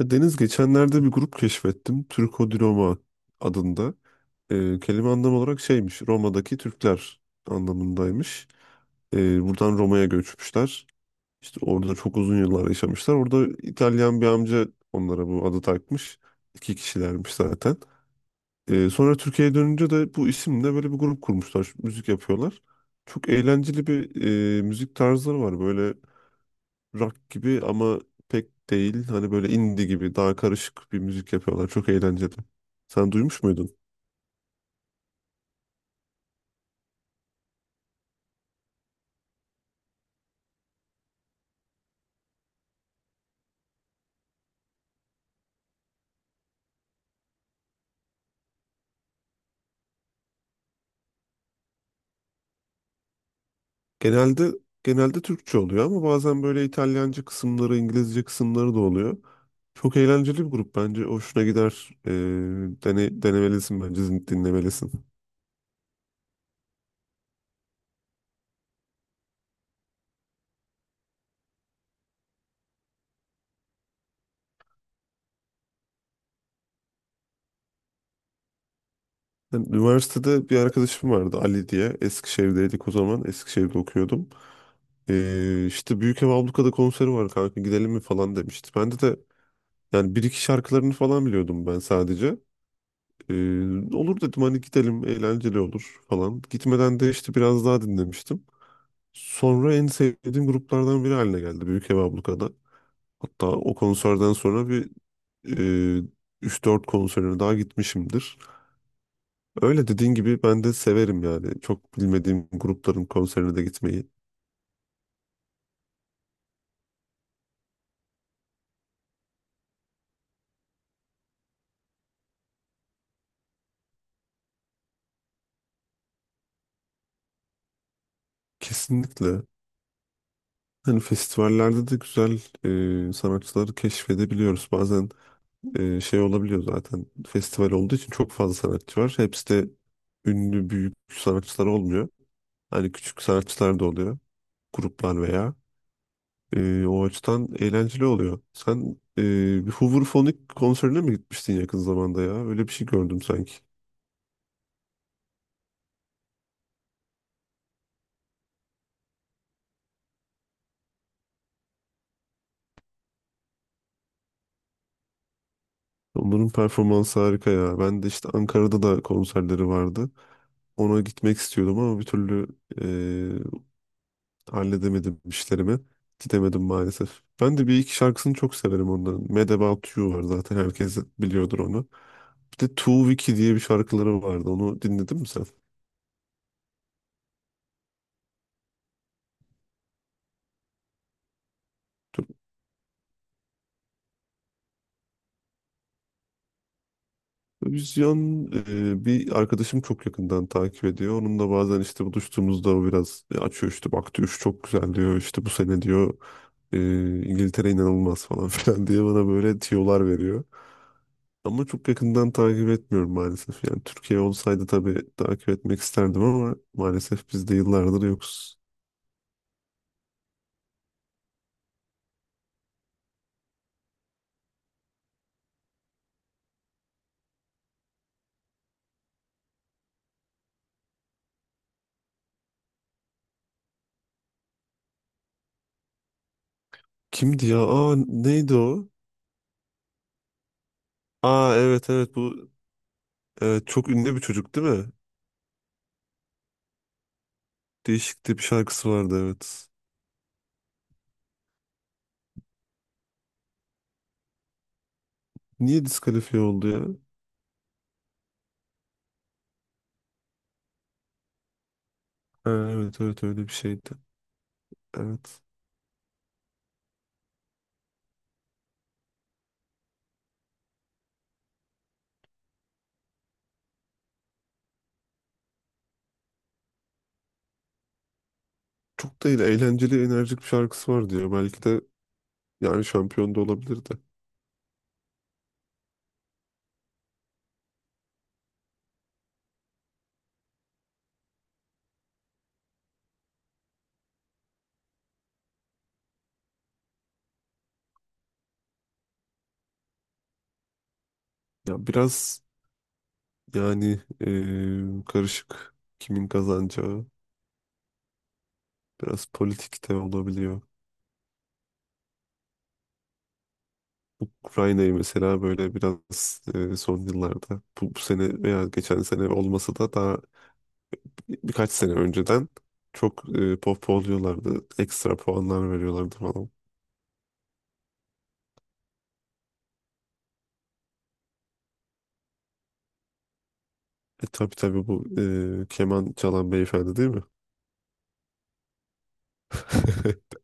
Ya Deniz geçenlerde bir grup keşfettim. Türko di Roma adında. Kelime anlam olarak şeymiş. Roma'daki Türkler anlamındaymış. Buradan Roma'ya göçmüşler. İşte orada çok uzun yıllar yaşamışlar. Orada İtalyan bir amca onlara bu adı takmış. İki kişilermiş zaten. Sonra Türkiye'ye dönünce de bu isimle böyle bir grup kurmuşlar. Müzik yapıyorlar. Çok eğlenceli bir müzik tarzları var. Böyle rock gibi ama pek değil. Hani böyle indie gibi daha karışık bir müzik yapıyorlar. Çok eğlenceli. Sen duymuş muydun? Genelde genelde Türkçe oluyor ama bazen böyle İtalyanca kısımları, İngilizce kısımları da oluyor. Çok eğlenceli bir grup bence. Hoşuna gider. Denemelisin bence, dinlemelisin. Ben üniversitede bir arkadaşım vardı Ali diye. Eskişehir'deydik o zaman. Eskişehir'de okuyordum. İşte Büyükev Abluka'da konseri var kanka gidelim mi falan demişti. Bende de, yani bir iki şarkılarını falan biliyordum ben sadece. Ee, olur dedim hani gidelim eğlenceli olur falan. Gitmeden de işte biraz daha dinlemiştim. Sonra en sevdiğim gruplardan biri haline geldi Büyük Ev Abluka'da. Hatta o konserden sonra bir e, 3-4 konserine daha gitmişimdir. Öyle dediğin gibi ben de severim yani. Çok bilmediğim grupların konserine de gitmeyi. Kesinlikle. Hani festivallerde de güzel sanatçıları keşfedebiliyoruz. Bazen şey olabiliyor zaten festival olduğu için çok fazla sanatçı var. Hepsi de ünlü büyük sanatçılar olmuyor. Hani küçük sanatçılar da oluyor. Gruplar veya. E, o açıdan eğlenceli oluyor. Sen, e, bir Hooverphonic konserine mi gitmiştin yakın zamanda ya? Öyle bir şey gördüm sanki. Onların performansı harika ya. Ben de işte Ankara'da da konserleri vardı. Ona gitmek istiyordum ama bir türlü halledemedim işlerimi. Gidemedim maalesef. Ben de bir iki şarkısını çok severim onların. Mad About You var zaten herkes biliyordur onu. Bir de Too Wiki diye bir şarkıları vardı. Onu dinledin mi sen? Vizyon, bir arkadaşım çok yakından takip ediyor. Onunla bazen işte buluştuğumuzda o biraz açıyor işte baktı üç çok güzel diyor. İşte bu sene diyor e, İngiltere inanılmaz falan filan diye bana böyle tiyolar veriyor. Ama çok yakından takip etmiyorum maalesef. Yani Türkiye olsaydı tabii takip etmek isterdim ama maalesef biz de yıllardır yokuz. Kimdi ya? Aa, neydi o? Aa, evet evet, bu, evet, çok ünlü bir çocuk değil mi? Değişikti, bir şarkısı vardı, evet. Niye diskalifiye oldu ya? Ha, evet evet, öyle bir şeydi. Evet. Çok da öyle eğlenceli enerjik bir şarkısı var diyor. Belki de yani şampiyon da olabilirdi. Ya biraz, yani karışık kimin kazanacağı. Biraz politik de olabiliyor. Ukrayna'yı mesela böyle biraz son yıllarda bu sene veya geçen sene olmasa da daha birkaç sene önceden çok pohpohluyorlardı. Ekstra puanlar veriyorlardı falan. E tabii tabii, bu keman çalan beyefendi değil mi?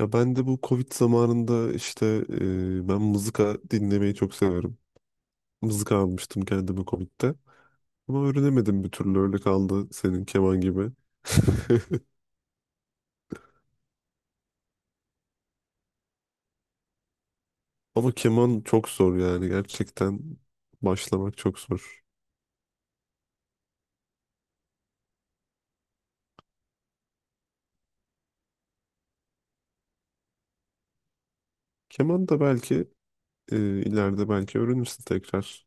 Ya ben de bu Covid zamanında işte, ben mızıka dinlemeyi çok severim. Mızıka almıştım kendime Covid'de. Ama öğrenemedim bir türlü, öyle kaldı senin keman gibi. Ama keman çok zor yani, gerçekten başlamak çok zor. Keman da belki ileride belki öğrenirsin tekrar.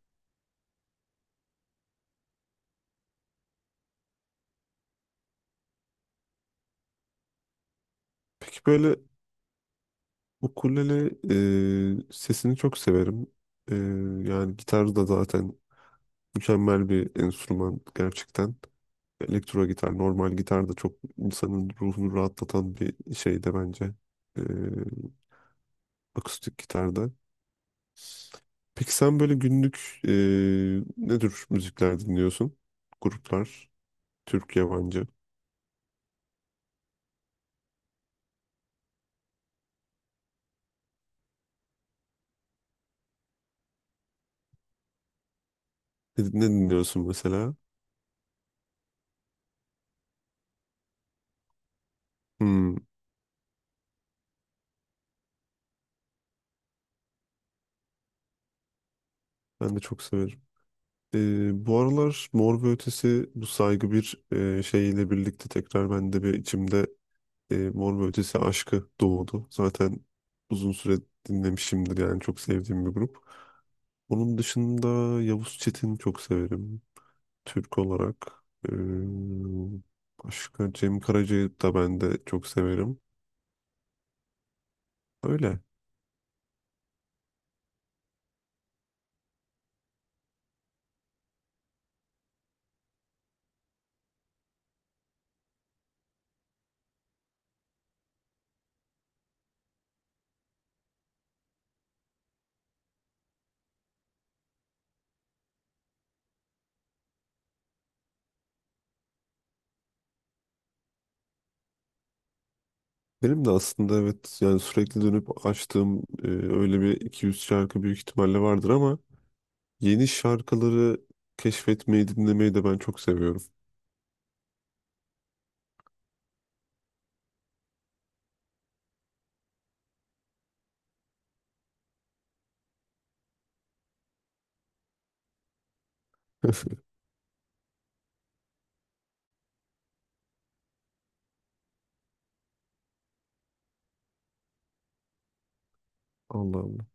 Peki böyle ukulele sesini çok severim. E, Yani gitar da zaten mükemmel bir enstrüman gerçekten. Elektro gitar, normal gitar da çok insanın ruhunu rahatlatan bir şey de bence. E, Akustik gitarda. Peki sen böyle günlük, ne tür müzikler dinliyorsun? Gruplar. Türk, yabancı. Ne, ne dinliyorsun mesela? Hmm, ben de çok severim. Bu aralar Mor ve Ötesi, bu saygı bir şeyle birlikte tekrar bende bir içimde Mor ve Ötesi aşkı doğdu. Zaten uzun süre dinlemişimdir yani, çok sevdiğim bir grup. Onun dışında Yavuz Çetin çok severim Türk olarak. Ee, Başka Cem Karaca'yı da ben de çok severim. Öyle. Benim de aslında evet yani sürekli dönüp açtığım öyle bir 200 şarkı büyük ihtimalle vardır ama yeni şarkıları keşfetmeyi dinlemeyi de ben çok seviyorum. Allah Allah.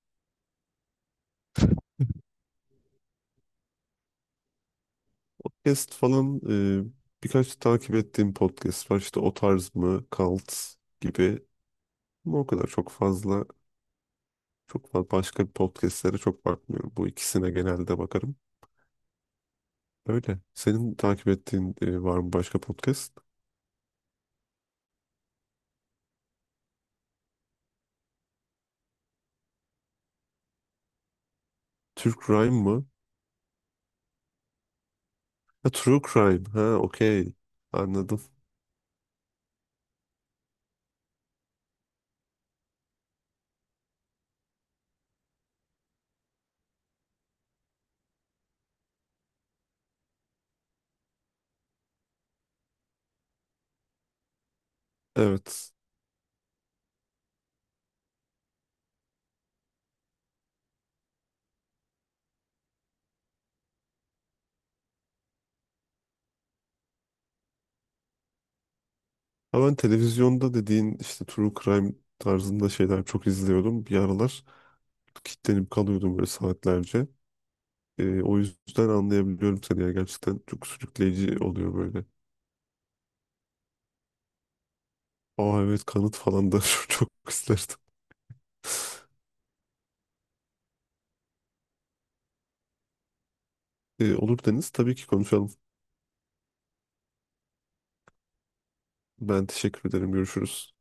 Podcast falan, e, birkaç takip ettiğim podcast var işte, o tarz mı, Cult gibi, ama o kadar çok fazla başka bir podcastlere çok bakmıyorum. Bu ikisine genelde bakarım. Öyle. Senin takip ettiğin var mı başka podcast? Türk Rhyme mı? Ha, True Crime. Ha, okey. Anladım. Evet. Ha, ben televizyonda dediğin işte True Crime tarzında şeyler çok izliyordum. Bir aralar kilitlenip kalıyordum böyle saatlerce. O yüzden anlayabiliyorum seni ya. Gerçekten çok sürükleyici oluyor böyle. Aa evet, kanıt falan da çok isterdim. Olur Deniz. Tabii ki konuşalım. Ben teşekkür ederim. Görüşürüz.